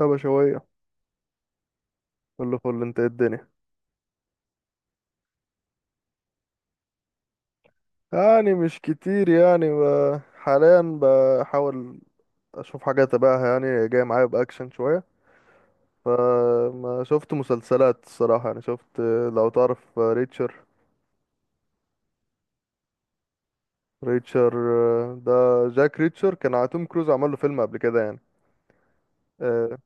يا بشوية، كله فل. انت ايه الدنيا؟ يعني مش كتير يعني حاليا بحاول اشوف حاجة تبعها، يعني جاي معايا بأكشن شوية. فما شفت مسلسلات الصراحة، يعني شفت. لو تعرف ريتشر. ريتشر ده جاك ريتشر، كان على توم كروز عمل له فيلم قبل كده يعني. اه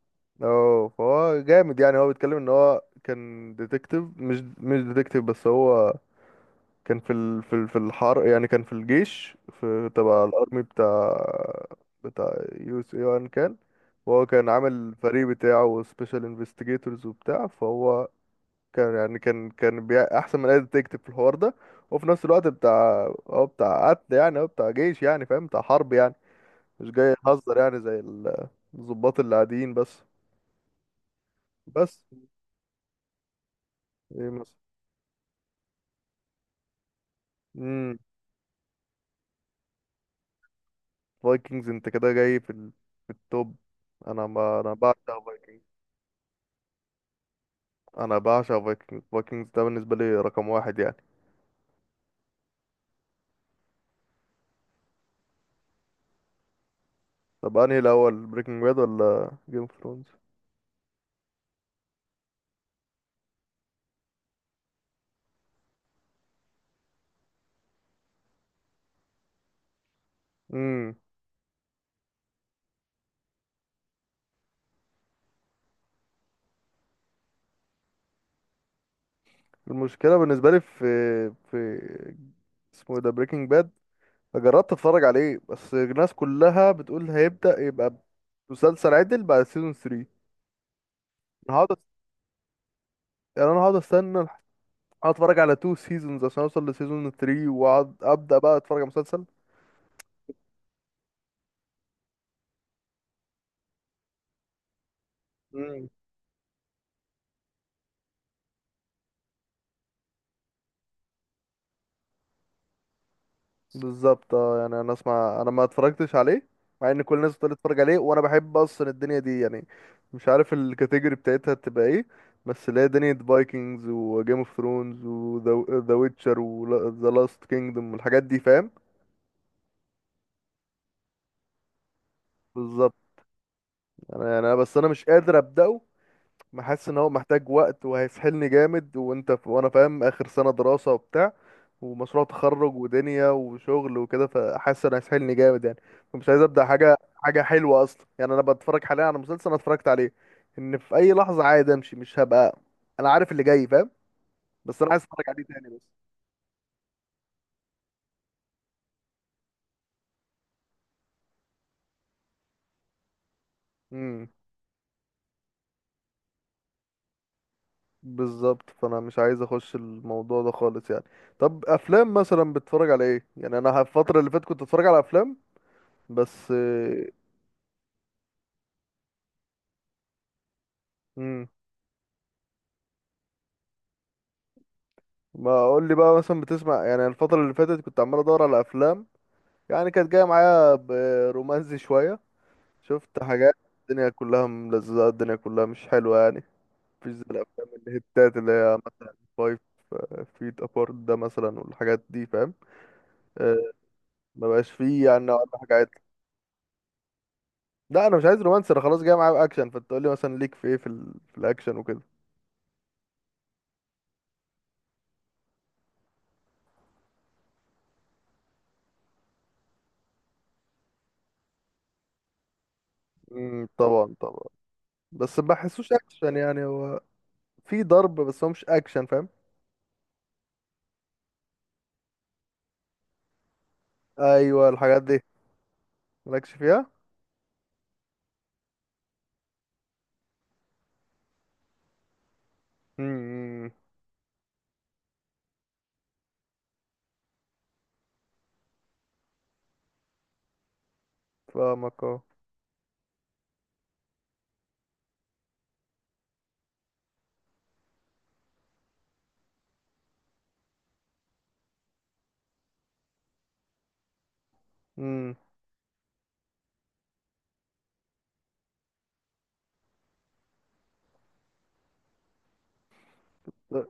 اه، فهو جامد، يعني هو بيتكلم ان هو كان ديتكتيف. مش ديتكتيف بس، هو كان في الحرب، يعني كان في الجيش، في تبع الارمي بتاع. يو اس اي، وان كان. وهو كان عامل فريق بتاعه سبيشال انفستيجيتورز وبتاع. فهو كان يعني، كان احسن من اي ديتكتيف في الحوار ده. وفي نفس الوقت بتاع، هو بتاع قتل يعني. هو بتاع جيش يعني، فاهم؟ بتاع حرب يعني، مش جاي يهزر يعني زي الضباط اللي عاديين بس. بس ايه مثلا؟ امم فايكنجز انت كده جاي في التوب. انا، ما انا بعشق Vikings. انا بعشق فايكنجز. فايكنجز ده بالنسبه لي رقم واحد يعني. طب انهي الاول، بريكنج باد ولا جيم اوف ثرونز؟ امم المشكله بالنسبه لي في اسمه إيه ده، بريكنج باد. جربت اتفرج عليه، بس الناس كلها بتقول هيبدا يبقى مسلسل عدل بعد سيزون 3. انا هقعد أس- انا هقعد هقعد اتفرج على 2 سيزونز عشان اوصل لسيزون 3، واقعد ابدا بقى اتفرج على مسلسل. بالظبط اه، يعني انا اسمع. انا ما اتفرجتش عليه، مع ان كل الناس بتقول اتفرج عليه وانا بحب اصلا الدنيا دي يعني. مش عارف الكاتيجوري بتاعتها تبقى ايه، بس اللي هي دنيا فايكنجز وجيم اوف ثرونز وذا ويتشر وذا لاست كينجدوم والحاجات دي، فاهم؟ بالظبط. انا يعني انا بس انا مش قادر ابداه. حاسس ان هو محتاج وقت وهيسحلني جامد، وانا فاهم اخر سنة دراسة وبتاع، ومشروع تخرج ودنيا وشغل وكده، فحاسس انه هيسحلني جامد يعني. فمش عايز ابدا حاجة حلوة اصلا يعني. انا بتفرج حاليا على مسلسل، انا اتفرجت عليه ان في اي لحظة عادي امشي، مش هبقى. انا عارف اللي جاي، فاهم؟ بس انا عايز اتفرج عليه تاني بس. امم بالظبط، فانا مش عايز اخش الموضوع ده خالص يعني. طب افلام مثلا بتتفرج على ايه؟ يعني انا الفترة اللي فاتت كنت اتفرج على افلام بس. امم ما اقول لي بقى، مثلا بتسمع يعني الفترة اللي فاتت كنت عمال ادور على افلام. يعني كانت جاية معايا برومانسي شوية. شفت حاجات. الدنيا كلها ملزقة، الدنيا كلها مش حلوة يعني. مفيش زي الافلام الهتات اللي هي مثلا فايف فيت ابارت ده مثلا، والحاجات دي فاهم. آه، ما بقاش فيه يعني نوع من حاجات. لا انا مش عايز رومانسي، انا خلاص جاي معايا باكشن. فانت تقول لي مثلا، ليك في ايه في الاكشن وكده. طبعا طبعا. بس ما بحسوش اكشن يعني. هو في ضرب، بس هو مش اكشن فاهم. ايوه الحاجات دي. مالكش فيها. امم فاهمك اه. امم لا،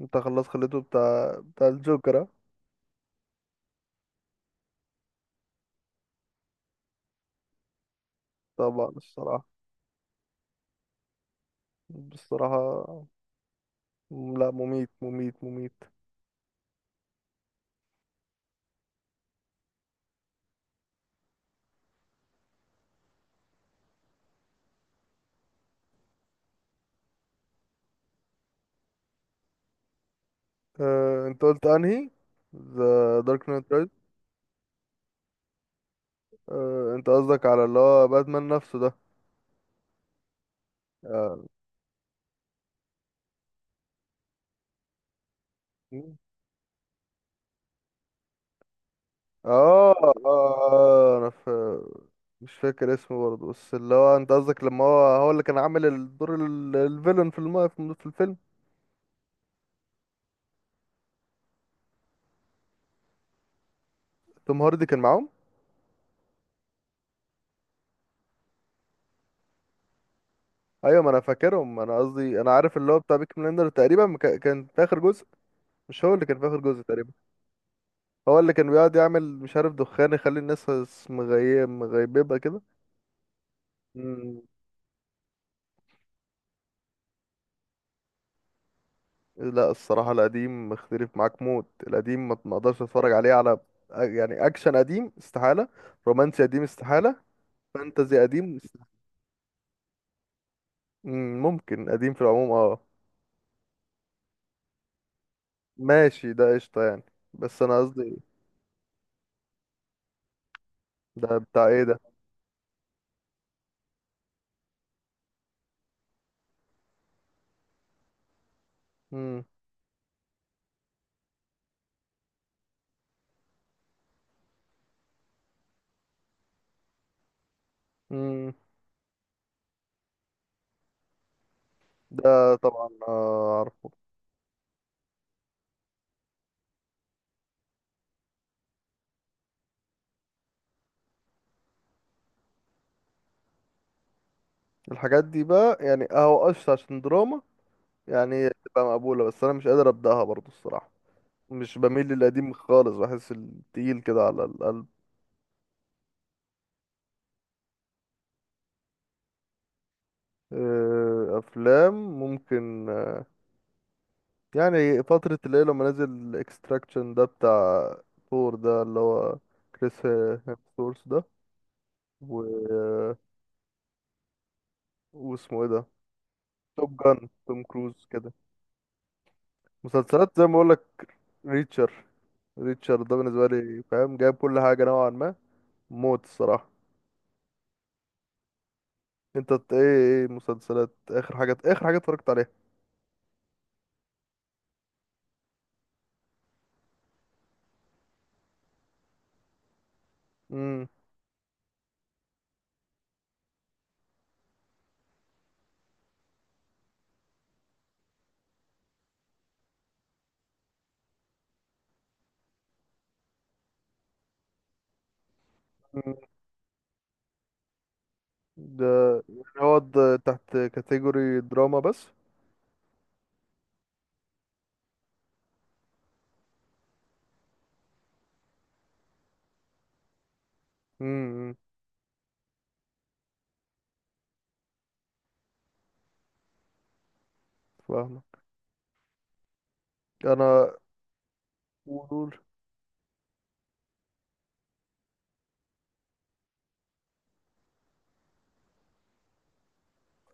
انت خلاص خليته بتاع الجوكر اه؟ طبعا الصراحة. بصراحة لا، مميت مميت مميت. اه انت قلت انهي؟ ذا دارك نايت رايز. اه انت قصدك على اللي هو باتمان نفسه ده. اه. مم. اه. اه، انا في. مش فاكر اسمه برضه، بس اللي هو انت قصدك، لما هو اللي كان عامل الدور الفيلن في الفيلم. توم هاردي كان معاهم. ايوه، ما انا فاكرهم. انا قصدي، انا عارف اللي هو بتاع بيك بلندر تقريبا، كان في اخر جزء. مش هو اللي كان في اخر جزء تقريبا؟ هو اللي كان بيقعد يعمل مش عارف دخان، يخلي الناس مغيببه كده. مم. لا الصراحه القديم، مختلف معاك موت. القديم ما اقدرش اتفرج عليه على. يعني اكشن قديم استحاله، رومانسي قديم استحاله، فانتزي قديم استحالة. مم، ممكن قديم في العموم اه. ماشي، ده قشطه يعني. بس انا قصدي. ده بتاع ايه ده؟ مم. مم. ده طبعا آه. الحاجات دي بقى يعني اهو قشطة، عشان دراما يعني تبقى مقبولة. بس انا مش قادر ابدأها برضو الصراحة. مش بميل للقديم خالص، بحس التقيل كده على القلب. افلام ممكن. يعني فترة اللي هي لما نزل اكستراكشن ده، بتاع ثور ده، اللي هو كريس هيمسورث ده و... آه، واسمه ايه ده؟ توب جان توم كروز كده. مسلسلات زي ما بقولك. ريتشر. ريتشر ده بالنسبة لي فاهم، جايب كل حاجة نوعا ما موت الصراحة. انت ايه؟ ايه مسلسلات، اخر حاجات؟ اخر حاجه اتفرجت عليها؟ امم. امم. ده يعني، هو ده تحت كاتيجوري دراما بس؟ امم فاهمه. انا. قول.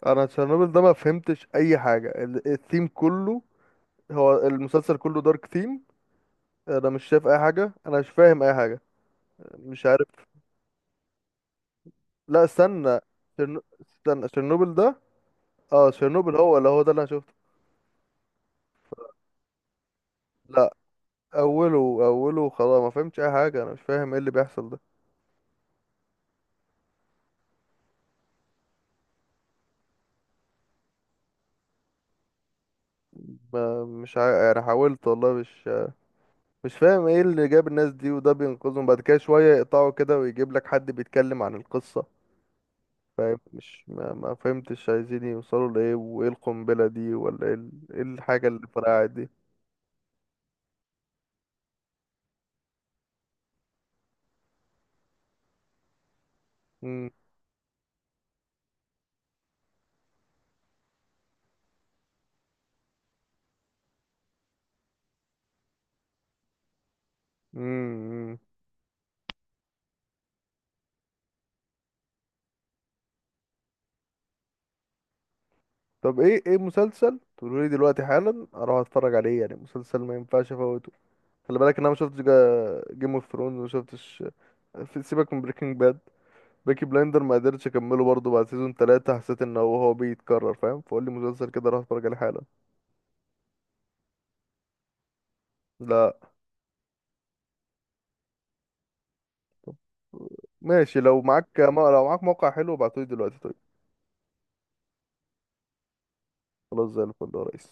انا تشيرنوبل ده ما فهمتش اي حاجه، الثيم كله. هو المسلسل كله دارك ثيم. انا مش شايف اي حاجه، انا مش فاهم اي حاجه. مش عارف. لا استنى. تشيرنوبل ده. اه تشيرنوبل، هو اللي هو ده اللي انا شفته. لا. اوله. اوله خلاص ما فهمتش اي حاجه. انا مش فاهم ايه اللي بيحصل ده. ما- مش عا... يعني حاولت والله، مش فاهم ايه اللي جاب الناس دي. وده بينقذهم بعد كده شوية، يقطعوا كده ويجيب لك حد بيتكلم عن القصة، فاهم؟ مش ما, ما فهمتش عايزين يوصلوا لإيه، وايه القنبلة دي، ولا ايه إيه الحاجة اللي فرقعت دي. مم. مم. طب ايه، ايه مسلسل تقولوا لي دلوقتي حالا اروح اتفرج عليه يعني؟ مسلسل ما ينفعش افوته. خلي بالك ان انا ما شفتش جيم اوف ثرونز، وما شفتش. في، سيبك من بريكنج باد. بيكي بلايندر ما قدرتش اكمله برضه، بعد سيزون ثلاثة حسيت ان هو بيتكرر، فاهم؟ فقول لي مسلسل كده راح اتفرج عليه حالا. لا ماشي، لو معاك ما... لو معاك موقع حلو ابعتولي دلوقتي طيب. خلاص زي الفل يا ريس.